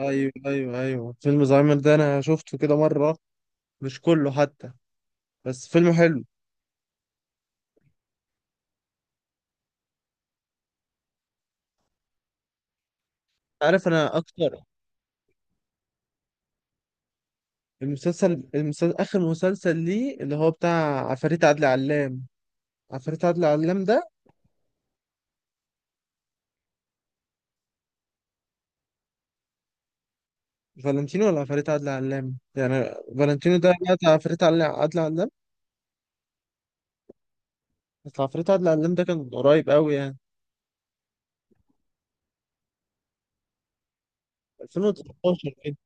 ايوه، ايوه، ايوه، فيلم زهايمر ده انا شفته كده مره. مش كله حتى، بس فيلم حلو. عارف؟ انا اكتر. المسلسل اخر مسلسل ليه اللي هو بتاع عفاريت عادل علام. عفاريت عادل علام ده. فالنتينو ولا عفاريت عادل علام يعني؟ فالنتينو ده بقى بتاع عفاريت عادل علام. بس عفاريت عادل علام ده كان قريب قوي يعني، 2019 كده.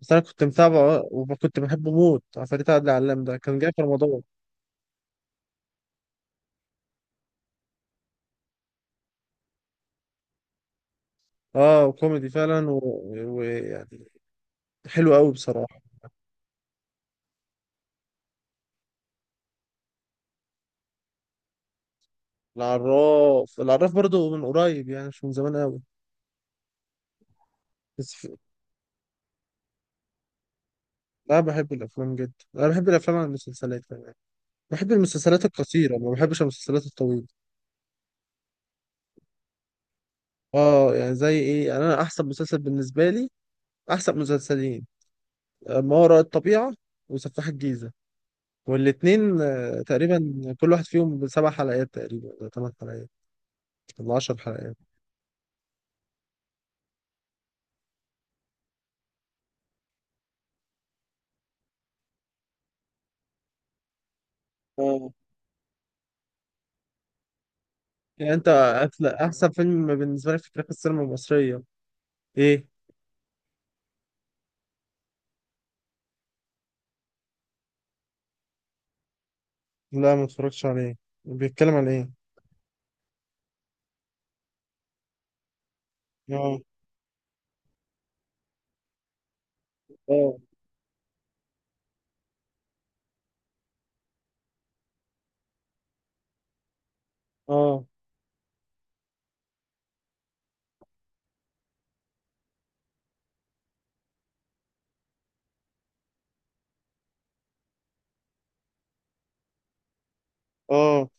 بس انا كنت متابعه وكنت بحبه موت. عفاريت عادل علام ده كان جاي في رمضان. اه، وكوميدي فعلا، ويعني يعني حلو قوي بصراحه. العراف، العراف برضو من قريب يعني، مش من زمان قوي. بس في... لا، بحب الافلام جدا. انا بحب الافلام عن المسلسلات كمان. بحب المسلسلات القصيره، ما بحبش المسلسلات الطويله. اه يعني زي ايه يعني، انا احسن مسلسل بالنسبه لي احسن مسلسلين، ما وراء الطبيعه وسفاح الجيزه. والاتنين تقريبا. كل واحد فيهم ب7 حلقات تقريبا، ولا 8 حلقات، ولا 10 حلقات. اه يعني انت، احسن فيلم بالنسبه لك في تاريخ السينما المصريه ايه؟ لا، ما اتفرجتش عليه. بيتكلم عن ايه؟ اه، اه، اه، اه،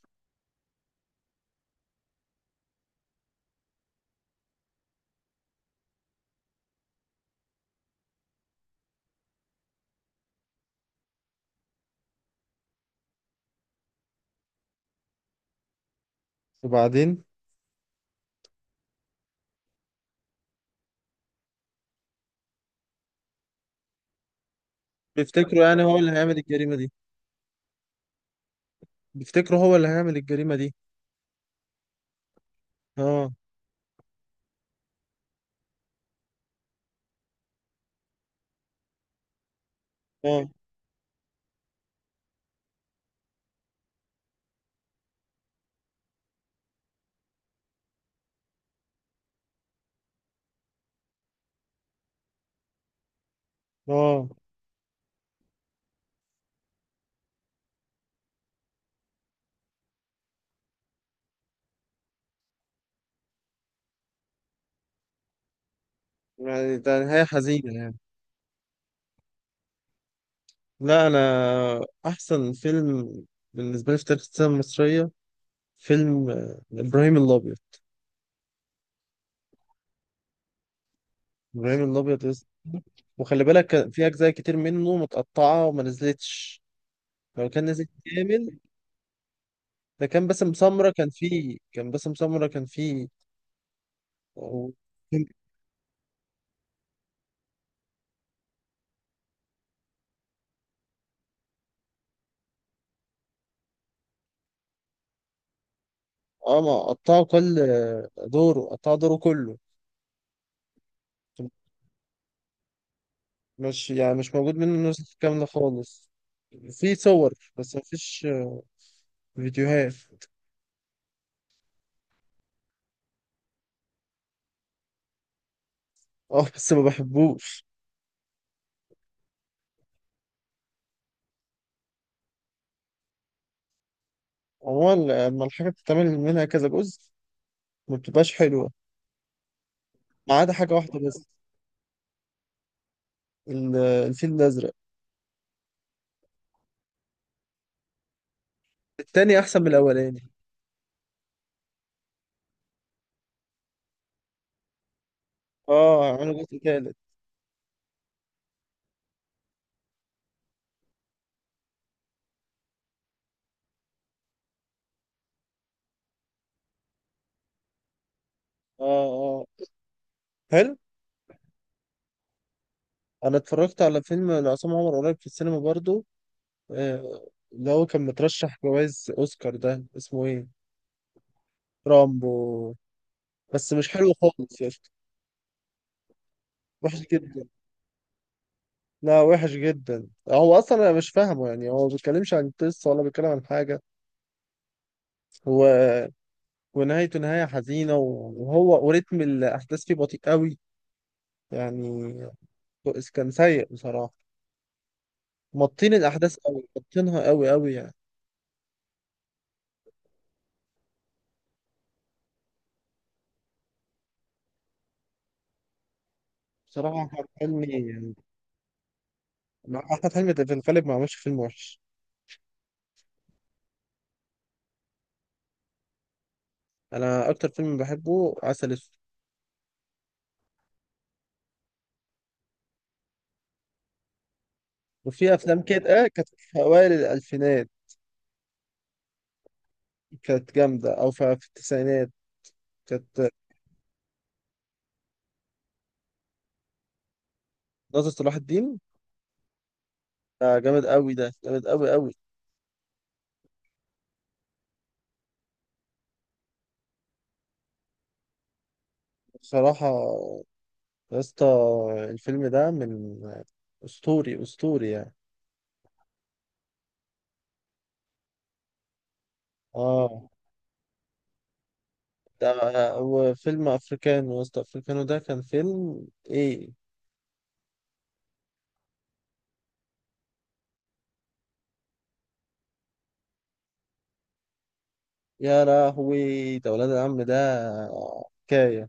وبعدين؟ بيفتكروا يعني هو اللي هيعمل الجريمة دي؟ بيفتكروا هو اللي هيعمل الجريمة دي؟ اه، اه، اه. يعني ده نهاية حزينة يعني. لا، أنا أحسن فيلم بالنسبة لي في تاريخ السينما المصرية فيلم إبراهيم الأبيض. إبراهيم الأبيض وخلي بالك كان في أجزاء كتير منه متقطعة وما نزلتش. لو كان نزل كامل، ده كان باسم سمرة كان فيه، كان باسم سمرة كان فيه. اه، ما قطعوا كل دوره، قطعوا دوره كله. مش يعني مش موجود منه النسخ كاملة خالص. في صور بس مفيش، فيديوهات. اه، بس ما بحبوش. عموما لما الحاجة بتتعمل منها كذا جزء ما بتبقاش حلوة، ما عدا حاجة واحدة بس. الفيل الأزرق. التاني أحسن من الأولاني. اه، عملوا جزء تالت. اه، اه، حلو. أنا اتفرجت على فيلم لعصام عمر قريب في السينما برضو، اللي هو كان مترشح جوائز أوسكار، ده اسمه إيه؟ رامبو، بس مش حلو خالص يا اسطى. وحش جدا. لا، وحش جدا، هو اصلا انا مش فاهمه يعني، هو ما بيتكلمش عن قصه ولا بيتكلم عن حاجه. هو، ونهايته نهايه حزينه، وهو وريتم الاحداث فيه بطيء قوي يعني. كان سيء بصراحه، مطين الاحداث قوي، مطينها قوي قوي يعني. بصراحه، احمد حلمي يعني، مع احمد حلمي في الغالب ما عملش فيلم وحش. انا اكتر فيلم بحبه عسل اسود. وفي افلام كده كانت في اوائل الالفينات كانت جامده، او في التسعينات كانت ناصر صلاح الدين. ده جامد قوي، ده جامد قوي قوي بصراحة، يا اسطى. الفيلم ده من أسطوري، أسطوري يعني. اه، ده هو فيلم أفريكانو، يا اسطى، أفريكانو ده كان فيلم إيه؟ يا لهوي، ده ولاد العم، ده حكاية.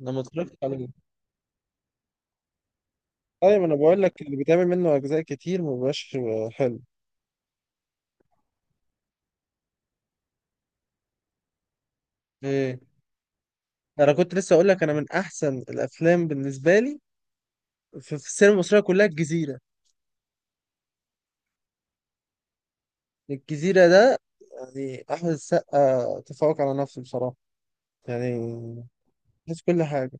أنا ما اتفرجتش عليه. أيوة، ما أنا بقول لك اللي بيتعمل منه أجزاء كتير ما بيبقاش حلو. إيه، أنا كنت لسه أقول لك، أنا من أحسن الأفلام بالنسبة لي في السينما المصرية كلها الجزيرة. الجزيرة ده يعني أحمد السقا تفوق على نفسه بصراحة يعني، حس كل حاجة.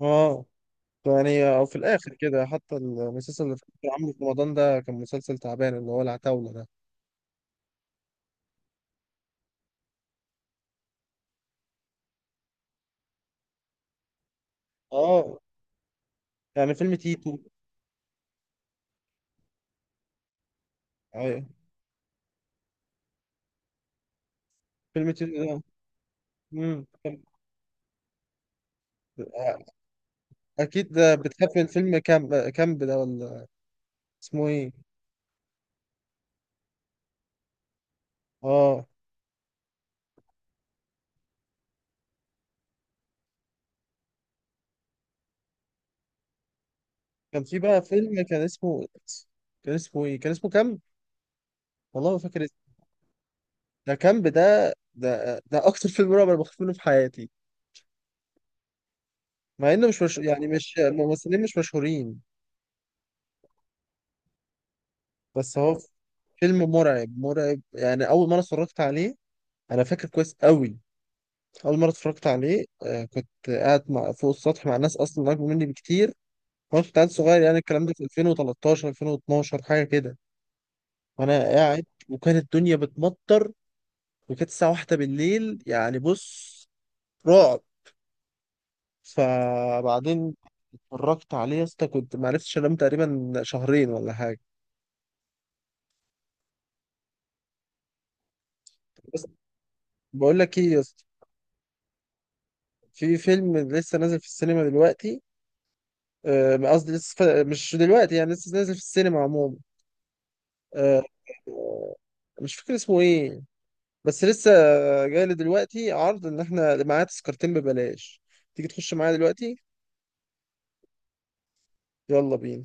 اه، يعني أو في الآخر كده حتى المسلسل اللي كان عامله في رمضان ده كان مسلسل تعبان، اللي هو العتاولة ده. اه يعني، فيلم تيتو. أيوة. فيلم تيتو ده مم. كان- أكيد ده بتخاف من فيلم كامب، كامب ده ولا؟ اسمه إيه؟ اه، كان في بقى فيلم كان اسمه إيه؟ كان اسمه كامب؟ والله ما فاكر. ده كامب، ده اكتر فيلم رعب انا بخاف منه في حياتي، مع انه مش يعني مش ممثلين مش مشهورين. بس هو فيلم مرعب، مرعب يعني. اول مره اتفرجت عليه انا فاكر كويس قوي. اول مره اتفرجت عليه كنت قاعد مع فوق السطح مع ناس اصلا اكبر مني بكتير، وانا كنت قاعد صغير يعني. الكلام ده في 2013 2012 حاجه كده. وانا قاعد وكانت الدنيا بتمطر، وكانت الساعه واحدة بالليل يعني. بص، رعب. فبعدين اتفرجت عليه يا اسطى كنت ما عرفتش انام تقريبا شهرين ولا حاجه. بس بقول لك ايه يا اسطى، في فيلم لسه نازل في السينما دلوقتي، قصدي لسه مش دلوقتي يعني، لسه نازل في السينما عموما. آه، آه، مش فاكر اسمه ايه، بس لسه جاي لي دلوقتي عرض ان احنا معايا تذكرتين ببلاش، تيجي تخش معايا دلوقتي؟ يلا بينا.